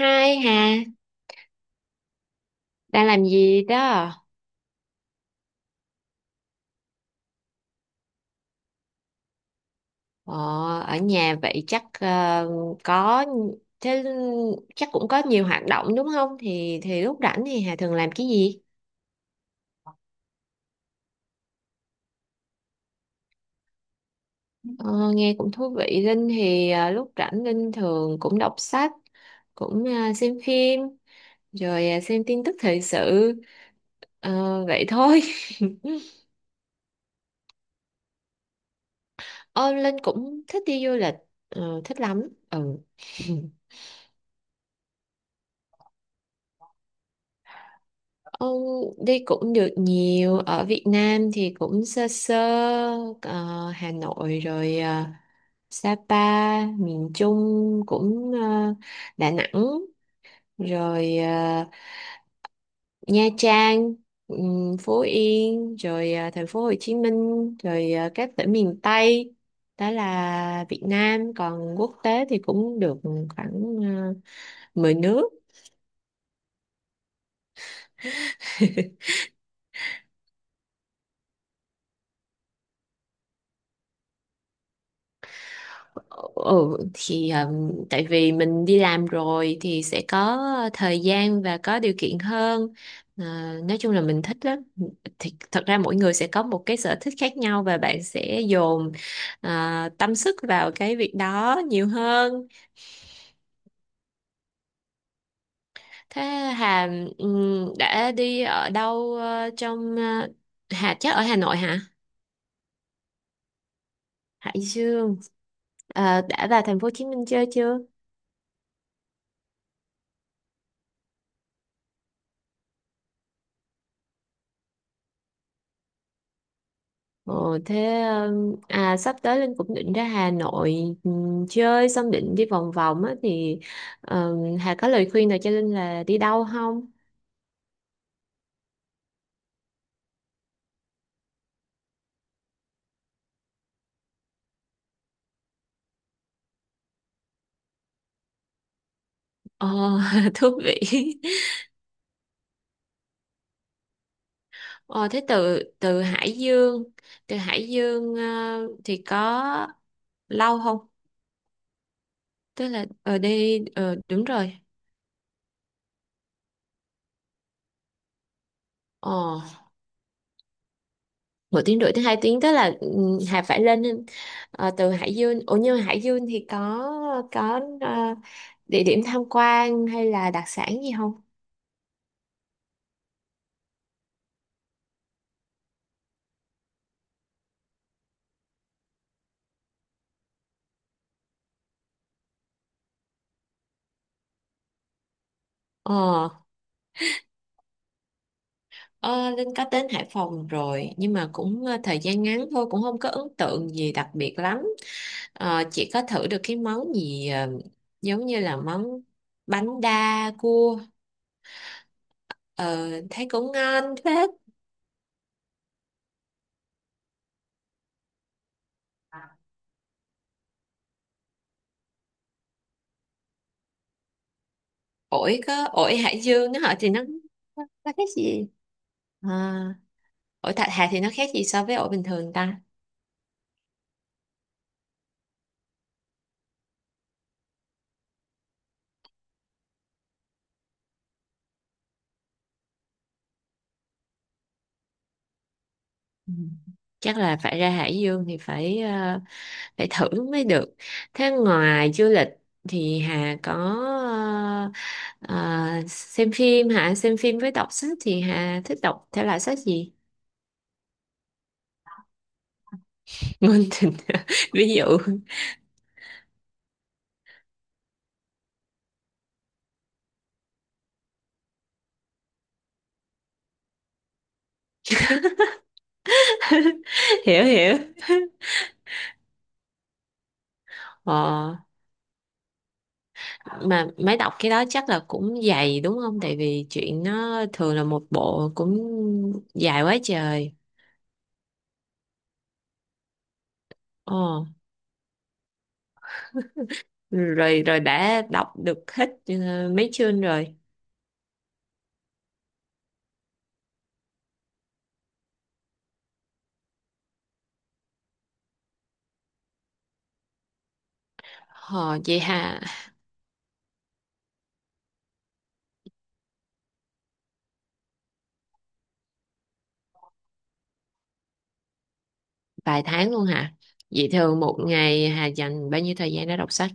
Hai Hà, đang làm gì đó? Ờ, ở nhà vậy chắc có thế chắc cũng có nhiều hoạt động đúng không? Thì lúc rảnh thì Hà thường làm cái gì? Ờ, nghe cũng thú vị. Linh thì lúc rảnh Linh thường cũng đọc sách, cũng xem phim, rồi xem tin tức thời sự. Ờ, vậy thôi. Ờ, Linh cũng thích đi du lịch, ờ, thích lắm. Ừ. Ông đi cũng được nhiều. Ở Việt Nam thì cũng sơ sơ, Hà Nội, rồi Sapa, miền Trung cũng Đà Nẵng, rồi Nha Trang, Phú Yên, rồi thành phố Hồ Chí Minh, rồi các tỉnh miền Tây. Đó là Việt Nam. Còn quốc tế thì cũng được khoảng 10 nước. Ừ, thì tại vì mình đi làm rồi thì sẽ có thời gian và có điều kiện hơn. Ờ, nói chung là mình thích lắm. Thì thật ra mỗi người sẽ có một cái sở thích khác nhau và bạn sẽ dồn ờ, tâm sức vào cái việc đó nhiều hơn. Thế Hà đã đi ở đâu Hà chắc ở Hà Nội hả? Hải Dương. Ờ, đã vào thành phố Hồ Chí Minh chơi chưa? Ồ, thế sắp tới Linh cũng định ra Hà Nội chơi, xong định đi vòng vòng á thì Hà có lời khuyên nào cho Linh là đi đâu không? Ồ, thú vị. Ồ, thế từ từ Hải Dương thì có lâu không? Tức là ở đây đúng rồi. Ồ. 1 tiếng rưỡi tới 2 tiếng, tức là ừ, Hà phải lên từ Hải Dương. Ủa nhưng mà Hải Dương thì có địa điểm tham quan hay là đặc sản gì không? ờ ờ, Linh có đến Hải Phòng rồi, nhưng mà cũng thời gian ngắn thôi, cũng không có ấn tượng gì đặc biệt lắm. Ờ, chỉ có thử được cái món gì giống như là món bánh đa cua. Ờ, thấy cũng ngon phết. Ổi, có ổi Hải Dương đó họ thì nó cái gì. À. Ổi Thạch Hà thì nó khác gì so với ổi bình thường ta? Ừ. Chắc là phải ra Hải Dương thì phải phải thử mới được. Thế ngoài du lịch thì Hà có ờ, xem phim hả? Xem phim với đọc sách thì Hà thích đọc thể loại sách gì? Ngôn tình. Ví dụ. Hiểu hiểu. ờ, mà mới đọc cái đó chắc là cũng dày đúng không, tại vì chuyện nó thường là một bộ cũng dài quá trời. Ồ. Rồi rồi, đã đọc được hết mấy chương rồi? Hò vậy hà. Vài tháng luôn hả? Vậy thường một ngày Hà dành bao nhiêu thời gian để đọc sách?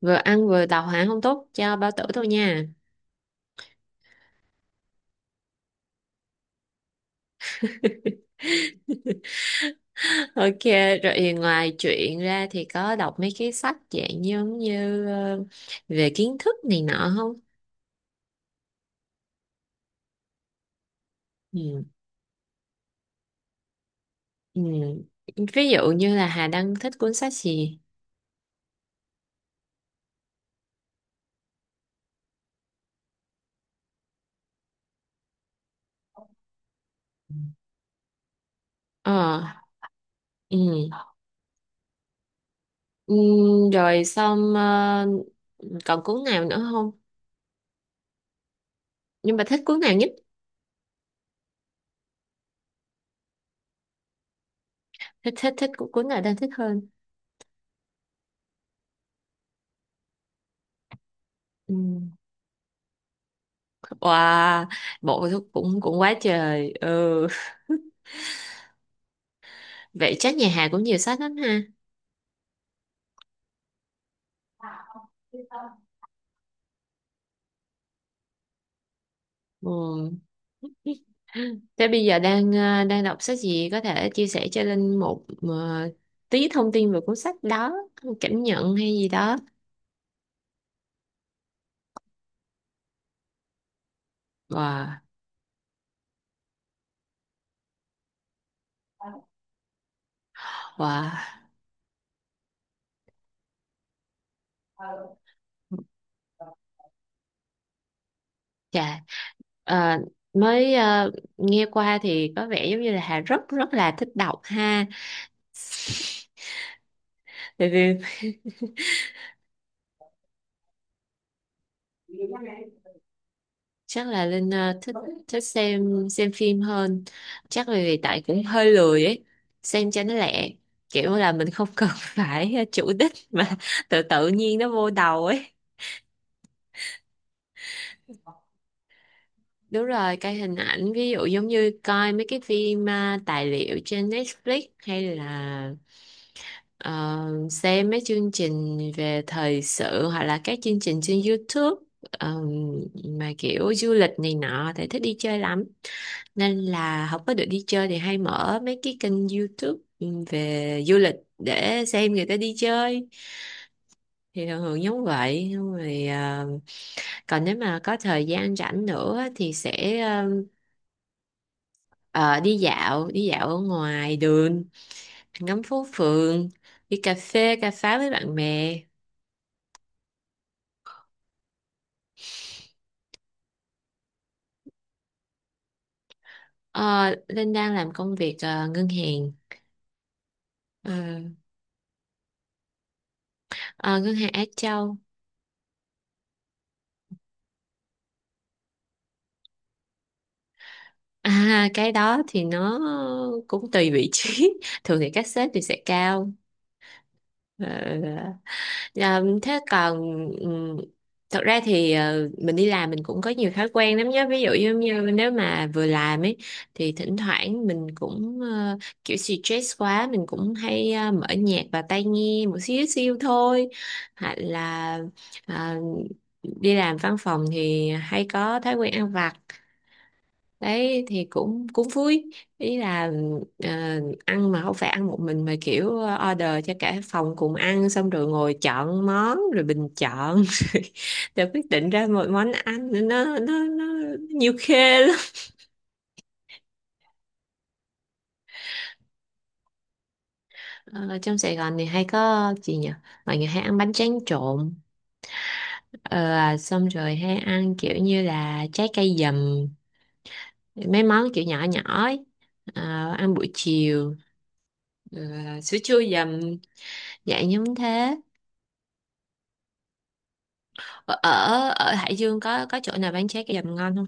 Vừa ăn vừa đọc hả? Không tốt cho bao tử thôi nha. OK. Rồi ngoài truyện ra thì có đọc mấy cái sách dạng giống như về kiến thức này nọ không? Ừ. Ừ. Ví dụ như là Hà đang thích cuốn sách gì? Ờ. Ừ. Ừ, rồi xong, còn cuốn nào nữa không? Nhưng mà thích cuốn nào nhất? Thích thích thích cu- Cuốn nào đang thích hơn? Ừ. Wow, bộ thuốc cũng cũng quá trời. Ừ. Vậy chắc nhà Hà cũng nhiều sách lắm ha. Ừ. Thế bây giờ đang đọc sách gì, có thể chia sẻ cho Linh một tí thông tin về cuốn sách đó, cảm nhận hay gì đó. Wow. Wow. Chà, ờ, mới ờ, nghe qua thì có vẻ giống như là Hà rất rất là thích đọc ha. Tại vì chắc là Linh thích, thích xem phim hơn. Chắc là vì tại cũng hơi lười ấy, xem cho nó lẹ. Kiểu là mình không cần phải chủ đích, mà tự tự nhiên nó vô đầu ấy. Đúng rồi, coi hình ảnh. Ví dụ giống như coi mấy cái phim tài liệu trên Netflix hay là ờ, xem mấy chương trình về thời sự hoặc là các chương trình trên YouTube ờ, mà kiểu du lịch này nọ thì thích đi chơi lắm. Nên là không có được đi chơi thì hay mở mấy cái kênh YouTube về du lịch để xem người ta đi chơi, thì thường thường giống vậy. Nhưng rồi còn nếu mà có thời gian rảnh nữa thì sẽ đi dạo ở ngoài đường, ngắm phố phường, đi cà phê cà pháo với bạn bè. Ờ, Linh đang làm công việc ngân hàng. Ờ, ờ, ngân hàng Á Châu. à, cái đó thì nó cũng tùy vị trí. Thường thì các sếp thì sẽ cao. Ờ, dạ, thế còn ừm, thật ra thì mình đi làm mình cũng có nhiều thói quen lắm nhé. Ví dụ giống như nếu mà vừa làm ấy thì thỉnh thoảng mình cũng kiểu stress quá mình cũng hay mở nhạc vào tai nghe một xíu xíu thôi, hoặc là ờ, đi làm văn phòng thì hay có thói quen ăn vặt. Đấy thì cũng cũng vui. Ý là ờ, ăn mà không phải ăn một mình, mà kiểu order cho cả phòng cùng ăn, xong rồi ngồi chọn món rồi bình chọn, rồi quyết định ra một món ăn. Nó nhiều khê lắm. Ờ, trong Sài Gòn thì hay có gì nhỉ, mọi người hay ăn bánh tráng trộn. Ờ, xong rồi hay ăn kiểu như là trái cây dầm, mấy món kiểu nhỏ nhỏ ấy. Ờ, ăn buổi chiều. Ờ, sữa chua dầm dạng giống thế. Ở ở ở Hải Dương có chỗ nào bán trái cây dầm ngon không?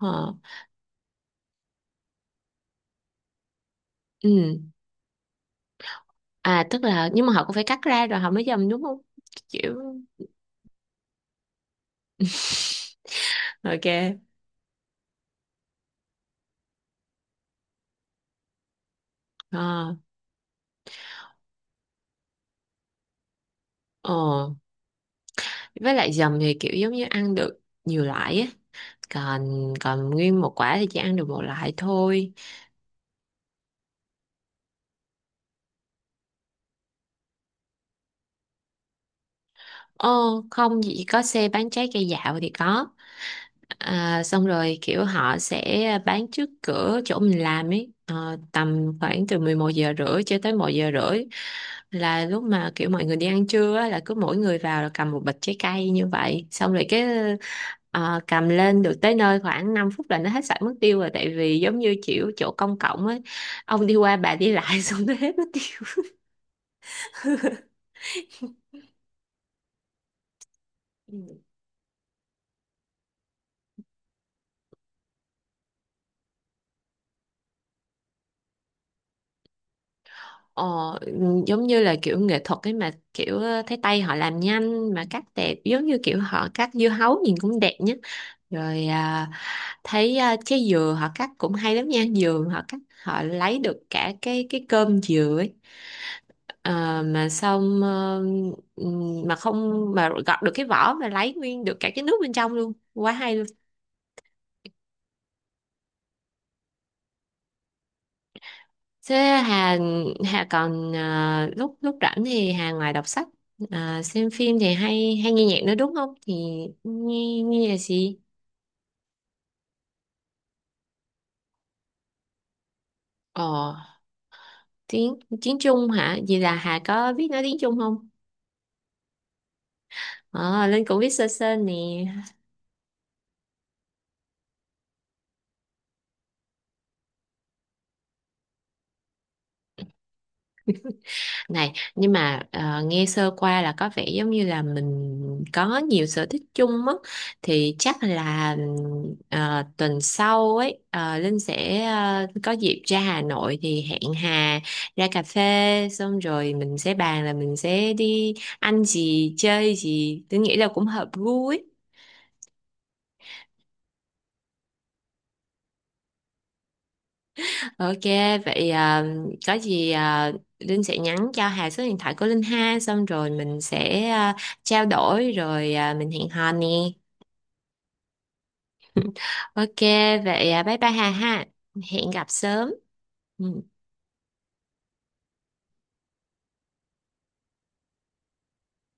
ờ ừ, tức là nhưng mà họ cũng phải cắt ra rồi họ mới dầm đúng không kiểu. OK. ờ ờ với lại dầm thì kiểu giống như ăn được nhiều loại á, còn còn nguyên một quả thì chỉ ăn được một loại thôi. ờ Không, chỉ có xe bán trái cây dạo thì có. À, xong rồi kiểu họ sẽ bán trước cửa chỗ mình làm ấy. Ờ, tầm khoảng từ 11 giờ rưỡi cho tới 1:30, là lúc mà kiểu mọi người đi ăn trưa á, là cứ mỗi người vào là cầm một bịch trái cây như vậy. Xong rồi cái cầm lên được tới nơi khoảng 5 phút là nó hết sạch mất tiêu rồi, tại vì giống như kiểu chỗ công cộng ấy, ông đi qua bà đi lại xong nó hết mất tiêu. Ờ, giống như là kiểu nghệ thuật ấy, mà kiểu thấy tay họ làm nhanh mà cắt đẹp, giống như kiểu họ cắt dưa hấu nhìn cũng đẹp nhé. Rồi thấy trái dừa họ cắt cũng hay lắm nha. Dừa họ cắt họ lấy được cả cái cơm dừa ấy. Ờ, mà xong mà không, mà gọt được cái vỏ mà lấy nguyên được cả cái nước bên trong luôn, quá hay. Thế Hà, lúc lúc rảnh thì Hà ngoài đọc sách xem phim thì hay hay nghe nhạc nữa đúng không? Thì nghe nghe là gì? Ờ, tiếng tiếng Trung hả? Vậy là Hà có biết nói tiếng Trung không? Ờ, Linh cũng biết sơ sơ nè. Này, nhưng mà nghe sơ qua là có vẻ giống như là mình có nhiều sở thích chung á, thì chắc là tuần sau ấy Linh sẽ có dịp ra Hà Nội thì hẹn Hà ra cà phê, xong rồi mình sẽ bàn là mình sẽ đi ăn gì chơi gì, tôi nghĩ là cũng hợp gu ấy. OK, vậy có gì Linh sẽ nhắn cho Hà số điện thoại của Linh ha, xong rồi mình sẽ trao đổi rồi mình hẹn hò nè. OK, vậy bye bye Hà ha. Hẹn gặp sớm. Ừ.